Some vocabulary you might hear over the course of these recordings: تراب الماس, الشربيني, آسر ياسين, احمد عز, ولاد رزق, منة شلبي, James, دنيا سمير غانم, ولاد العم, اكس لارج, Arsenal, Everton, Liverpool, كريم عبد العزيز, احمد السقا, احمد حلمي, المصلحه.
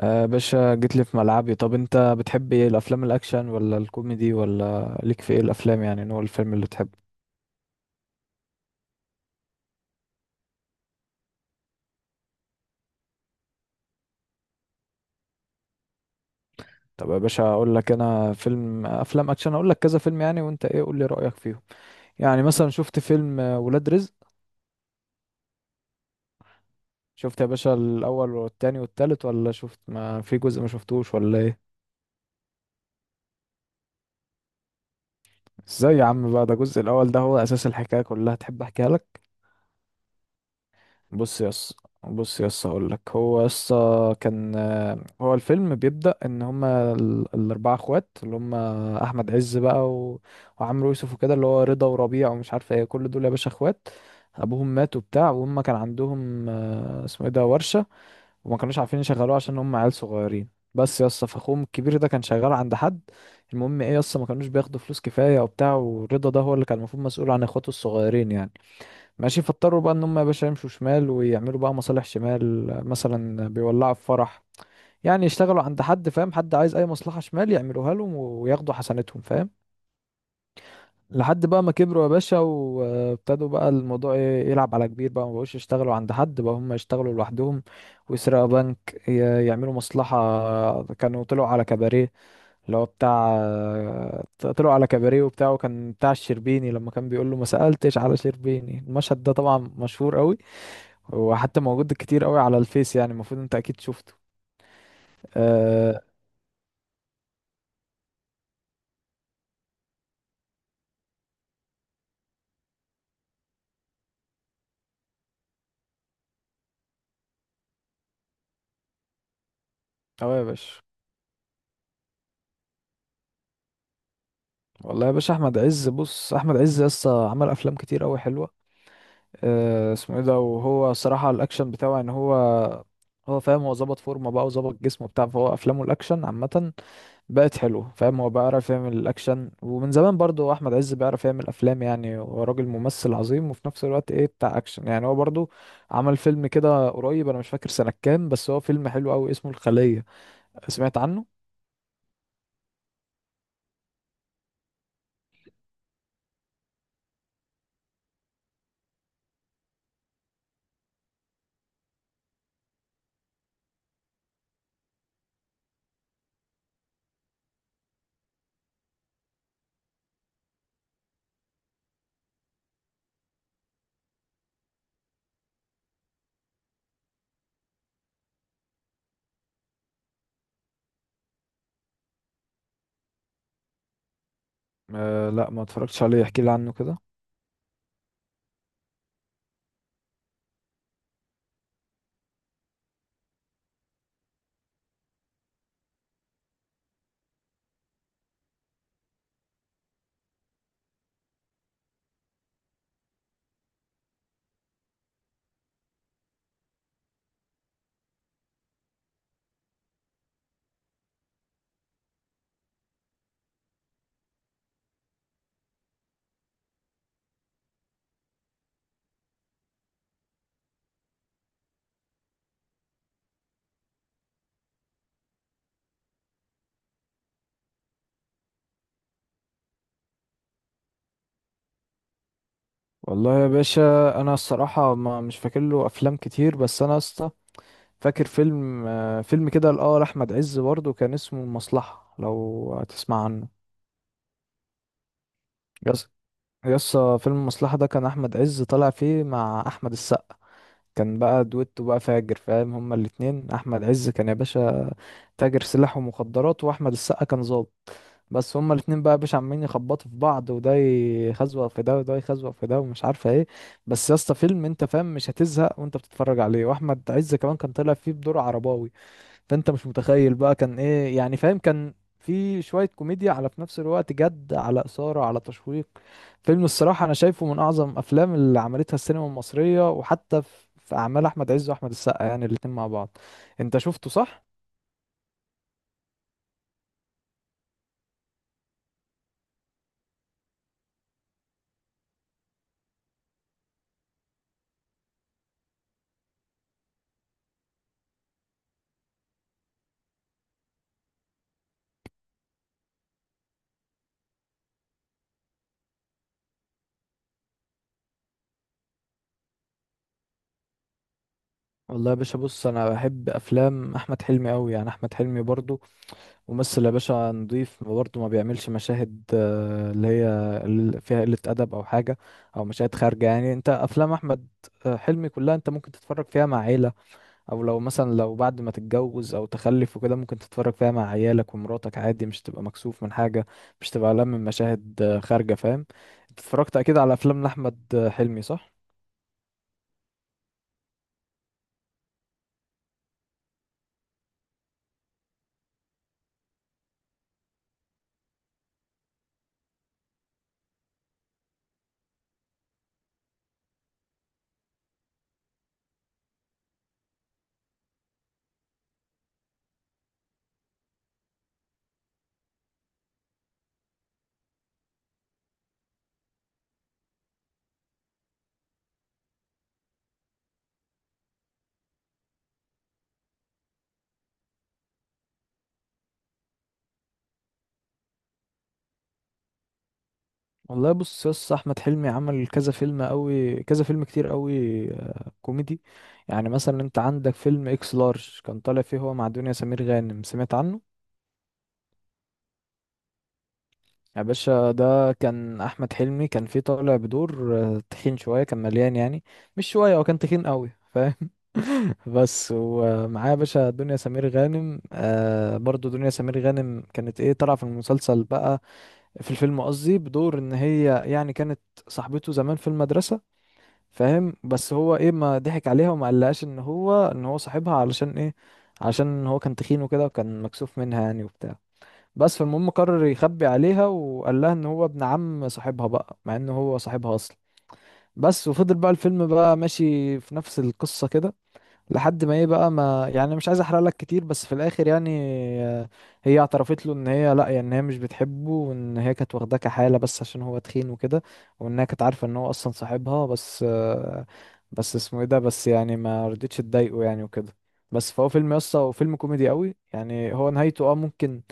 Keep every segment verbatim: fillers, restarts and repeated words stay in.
آه باشا جيت لي في ملعبي. طب انت بتحب ايه الافلام، الاكشن ولا الكوميدي ولا ليك في ايه الافلام؟ يعني نوع الفيلم اللي بتحبه. طب يا باشا اقول لك انا فيلم، افلام اكشن اقول لك كذا فيلم يعني، وانت ايه؟ قول لي رايك فيهم. يعني مثلا شفت فيلم آه، ولاد رزق؟ شفت يا باشا الاول والتاني والتالت، ولا شفت ما في جزء ما شفتوش، ولا ايه؟ ازاي يا عم بقى؟ ده الجزء الاول ده هو اساس الحكايه كلها. تحب احكيها لك؟ بص يس بص يس هقول لك. هو يس كان، هو الفيلم بيبدأ ان هما ال- الاربعه اخوات اللي هما احمد عز بقى و... وعمرو يوسف وكده، اللي هو رضا وربيع ومش عارف ايه، كل دول يا باشا اخوات. ابوهم مات وبتاع، وهم كان عندهم آه، اسمه ايه ده، ورشة. وما كانوش عارفين يشغلوه عشان هم عيال صغيرين. بس يس، فاخوهم الكبير ده كان شغال عند حد. المهم ايه يس، ما كانوش بياخدوا فلوس كفاية وبتاع، ورضا ده هو اللي كان المفروض مسؤول عن اخواته الصغيرين يعني. ماشي، فاضطروا بقى ان هم يا باشا يمشوا شمال ويعملوا بقى مصالح شمال، مثلا بيولعوا في فرح، يعني يشتغلوا عند حد. فاهم؟ حد عايز اي مصلحة شمال يعملوها لهم وياخدوا حسنتهم، فاهم؟ لحد بقى ما كبروا يا باشا وابتدوا بقى الموضوع ي- يلعب على كبير بقى، ما بقوش يشتغلوا عند حد، بقى هم يشتغلوا لوحدهم ويسرقوا بنك. ي- يعملوا مصلحة. كانوا طلعوا على كباريه، اللي هو بتاع، طلعوا على كباريه وبتاعه كان بتاع الشربيني لما كان بيقول له ما سألتش على شربيني. المشهد ده طبعا مشهور قوي، هو حتى موجود كتير قوي على الفيس، يعني المفروض انت اكيد شفته. اه اه يا باشا. والله يا باشا احمد عز، بص، احمد عز لسه عمل افلام كتير قوي حلوه. آه اسمه ايه ده، وهو صراحه الاكشن بتاعه ان هو، هو فاهم، هو ظبط فورمه بقى وظبط جسمه بتاع، فهو افلامه الاكشن عامه بقت حلوه. فاهم؟ هو بيعرف يعمل الاكشن. ومن زمان برضو احمد عز بيعرف يعمل افلام، يعني هو راجل ممثل عظيم وفي نفس الوقت ايه، بتاع اكشن. يعني هو برضو عمل فيلم كده قريب، انا مش فاكر سنه كام، بس هو فيلم حلو قوي اسمه الخليه. سمعت عنه؟ أه لا، ما اتفرجتش عليه، احكي لي عنه كده. والله يا باشا انا الصراحه ما مش فاكر له افلام كتير، بس انا يا اسطى فاكر فيلم، أه فيلم كده لاه، لاحمد عز برضه كان اسمه المصلحه. لو هتسمع عنه. يس، يس فيلم المصلحه ده كان احمد عز طالع فيه مع احمد السقا، كان بقى دويتو بقى فاجر. فاهم؟ هما الاتنين، احمد عز كان يا باشا تاجر سلاح ومخدرات، واحمد السقا كان ظابط. بس هما الاتنين بقى يا باشا عمالين يخبطوا في بعض، وده يخزوق في ده وده يخزوق في ده ومش عارفه ايه. بس يا اسطى فيلم، انت فاهم مش هتزهق وانت بتتفرج عليه. واحمد عز كمان كان طالع فيه بدور عرباوي، فانت مش متخيل بقى كان ايه. يعني فاهم، كان في شويه كوميديا على في نفس الوقت جد، على اثاره، على تشويق. فيلم الصراحه انا شايفه من اعظم افلام اللي عملتها السينما المصريه، وحتى في في اعمال احمد عز واحمد السقا يعني الاتنين مع بعض. انت شفته صح؟ والله يا باشا، بص، انا بحب افلام احمد حلمي قوي. يعني احمد حلمي برضو ممثل يا باشا نضيف، برضو ما بيعملش مشاهد آه، اللي هي ال- فيها قلة ادب او حاجة، او مشاهد خارجة. يعني انت افلام احمد آه، حلمي كلها انت ممكن تتفرج فيها مع عيلة، او لو مثلا لو بعد ما تتجوز او تخلف وكده ممكن تتفرج فيها مع عيالك ومراتك عادي، مش تبقى مكسوف من حاجة، مش تبقى قلقان من مشاهد آه، خارجة. فاهم؟ انت اتفرجت اكيد على افلام لاحمد آه، حلمي، صح؟ والله بص يا اسطى، احمد حلمي عمل كذا فيلم قوي، كذا فيلم كتير قوي، آه، كوميدي. يعني مثلا انت عندك فيلم اكس لارج، كان طالع فيه هو مع دنيا سمير غانم. سمعت عنه؟ يا باشا ده كان احمد حلمي كان فيه طالع بدور آه، تخين شويه، كان مليان يعني. مش شويه، هو كان تخين قوي. فاهم؟ بس ومعاه يا باشا دنيا سمير غانم. آه برضو دنيا سمير غانم كانت ايه، طالعه في المسلسل بقى، في الفيلم قصدي، بدور ان هي يعني كانت صاحبته زمان في المدرسه. فاهم؟ بس هو ايه ما ضحك عليها وما قالهاش ان هو ان هو صاحبها. علشان ايه؟ علشان هو كان تخين وكده وكان مكسوف منها يعني وبتاع. بس، فالمهم قرر يخبي عليها وقال لها ان هو ابن عم صاحبها بقى، مع ان هو صاحبها اصلا. بس، وفضل بقى الفيلم بقى ماشي في نفس القصة كده، لحد ما ايه بقى، ما يعني مش عايز احرق لك كتير، بس في الاخر يعني، آه، هي اعترفت له ان هي لا، يعني ان هي مش بتحبه، وان هي كانت واخداه كحالة بس عشان هو تخين وكده، وانها كانت عارفة ان هو اصلا صاحبها. بس آه، بس اسمه ايه ده، بس يعني ما رضيتش تضايقه يعني وكده. بس، فهو فيلم يسطا، وفيلم كوميدي قوي يعني. هو نهايته اه، ممكن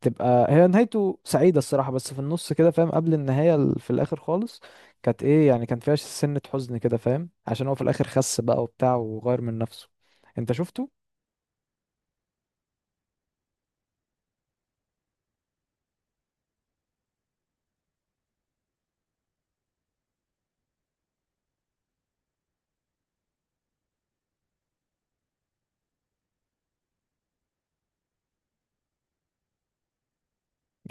تبقى هي نهايته سعيدة الصراحة، بس في النص كده فاهم قبل النهاية، ال- في الآخر خالص كانت إيه يعني، كان فيها سنة حزن كده. فاهم؟ عشان هو في الآخر خس بقى وبتاع وغير من نفسه. أنت شفته؟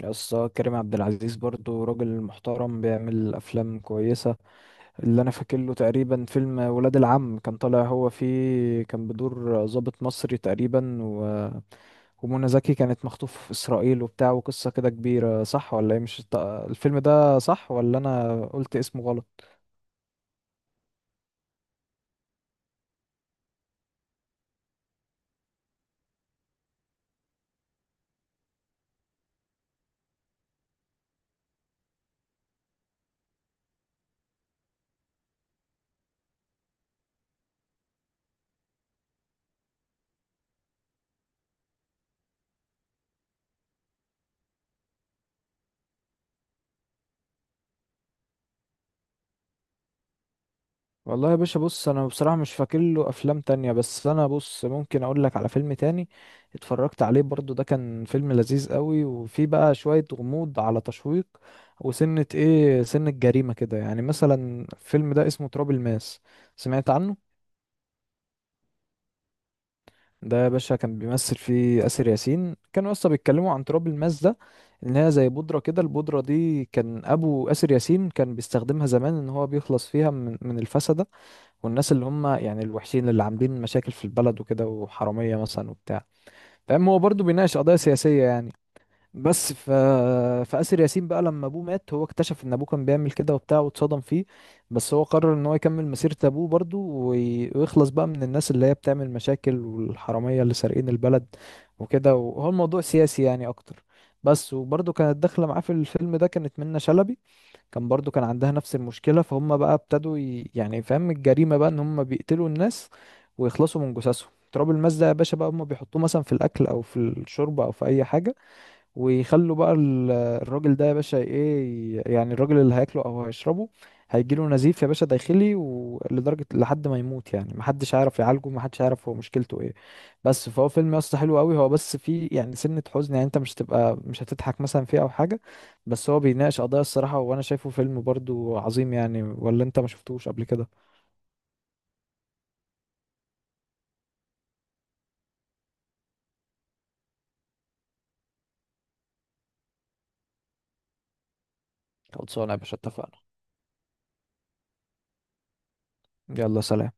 يس، كريم عبد العزيز برضو راجل محترم بيعمل أفلام كويسة. اللي أنا فاكر له تقريبا فيلم ولاد العم، كان طالع هو فيه كان بدور ضابط مصري تقريبا و... ومنى زكي كانت مخطوفة في إسرائيل وبتاع، وقصة كده كبيرة. صح ولا إيه؟ مش الت- الفيلم ده صح، ولا أنا قلت اسمه غلط؟ والله يا باشا، بص، انا بصراحة مش فاكر له افلام تانية، بس انا بص ممكن اقول لك على فيلم تاني اتفرجت عليه برضو. ده كان فيلم لذيذ قوي وفيه بقى شوية غموض على تشويق، وسنة ايه، سنة جريمة كده يعني مثلا. الفيلم ده اسمه تراب الماس. سمعت عنه؟ ده يا باشا كان بيمثل فيه آسر ياسين. كانوا اصلا بيتكلموا عن تراب الماس ده ان هي زي بودرة كده، البودرة دي كان ابو آسر ياسين كان بيستخدمها زمان، ان هو بيخلص فيها من من الفسد، والناس اللي هم يعني الوحشين اللي عاملين مشاكل في البلد وكده، وحرامية مثلا وبتاع. فاهم؟ هو برضه بيناقش قضايا سياسية يعني. بس ف... فآسر ياسين بقى لما أبوه مات هو اكتشف إن أبوه كان بيعمل كده وبتاع واتصدم فيه. بس هو قرر إن هو يكمل مسيرة أبوه برضه، وي... ويخلص بقى من الناس اللي هي بتعمل مشاكل والحرامية اللي سارقين البلد وكده. وهو الموضوع سياسي يعني أكتر. بس وبرضه كانت داخلة معاه في الفيلم ده كانت منة شلبي، كان برضو كان عندها نفس المشكلة. فهم بقى ابتدوا ي... يعني، فاهم الجريمة بقى ان هم بيقتلوا الناس ويخلصوا من جثثهم. تراب الماس ده يا باشا بقى هم بيحطوه مثلا في الاكل او في الشوربة او في اي حاجة، ويخلوا بقى ال- الراجل ده يا باشا ايه يعني الراجل اللي هياكله او هيشربه هيجيله نزيف يا باشا داخلي، ولدرجة لحد ما يموت يعني. محدش هيعرف يعالجه، محدش هيعرف هو مشكلته ايه. بس فهو فيلم يا اسطى حلو قوي، هو بس فيه يعني سنة حزن يعني، انت مش تبقى، مش هتضحك مثلا فيه او حاجة. بس هو بيناقش قضايا الصراحة، وانا شايفه فيلم برضو عظيم يعني. ولا انت ما شفتوش قبل كده؟ خلصانه يا باشا، اتفقنا. يلا سلام.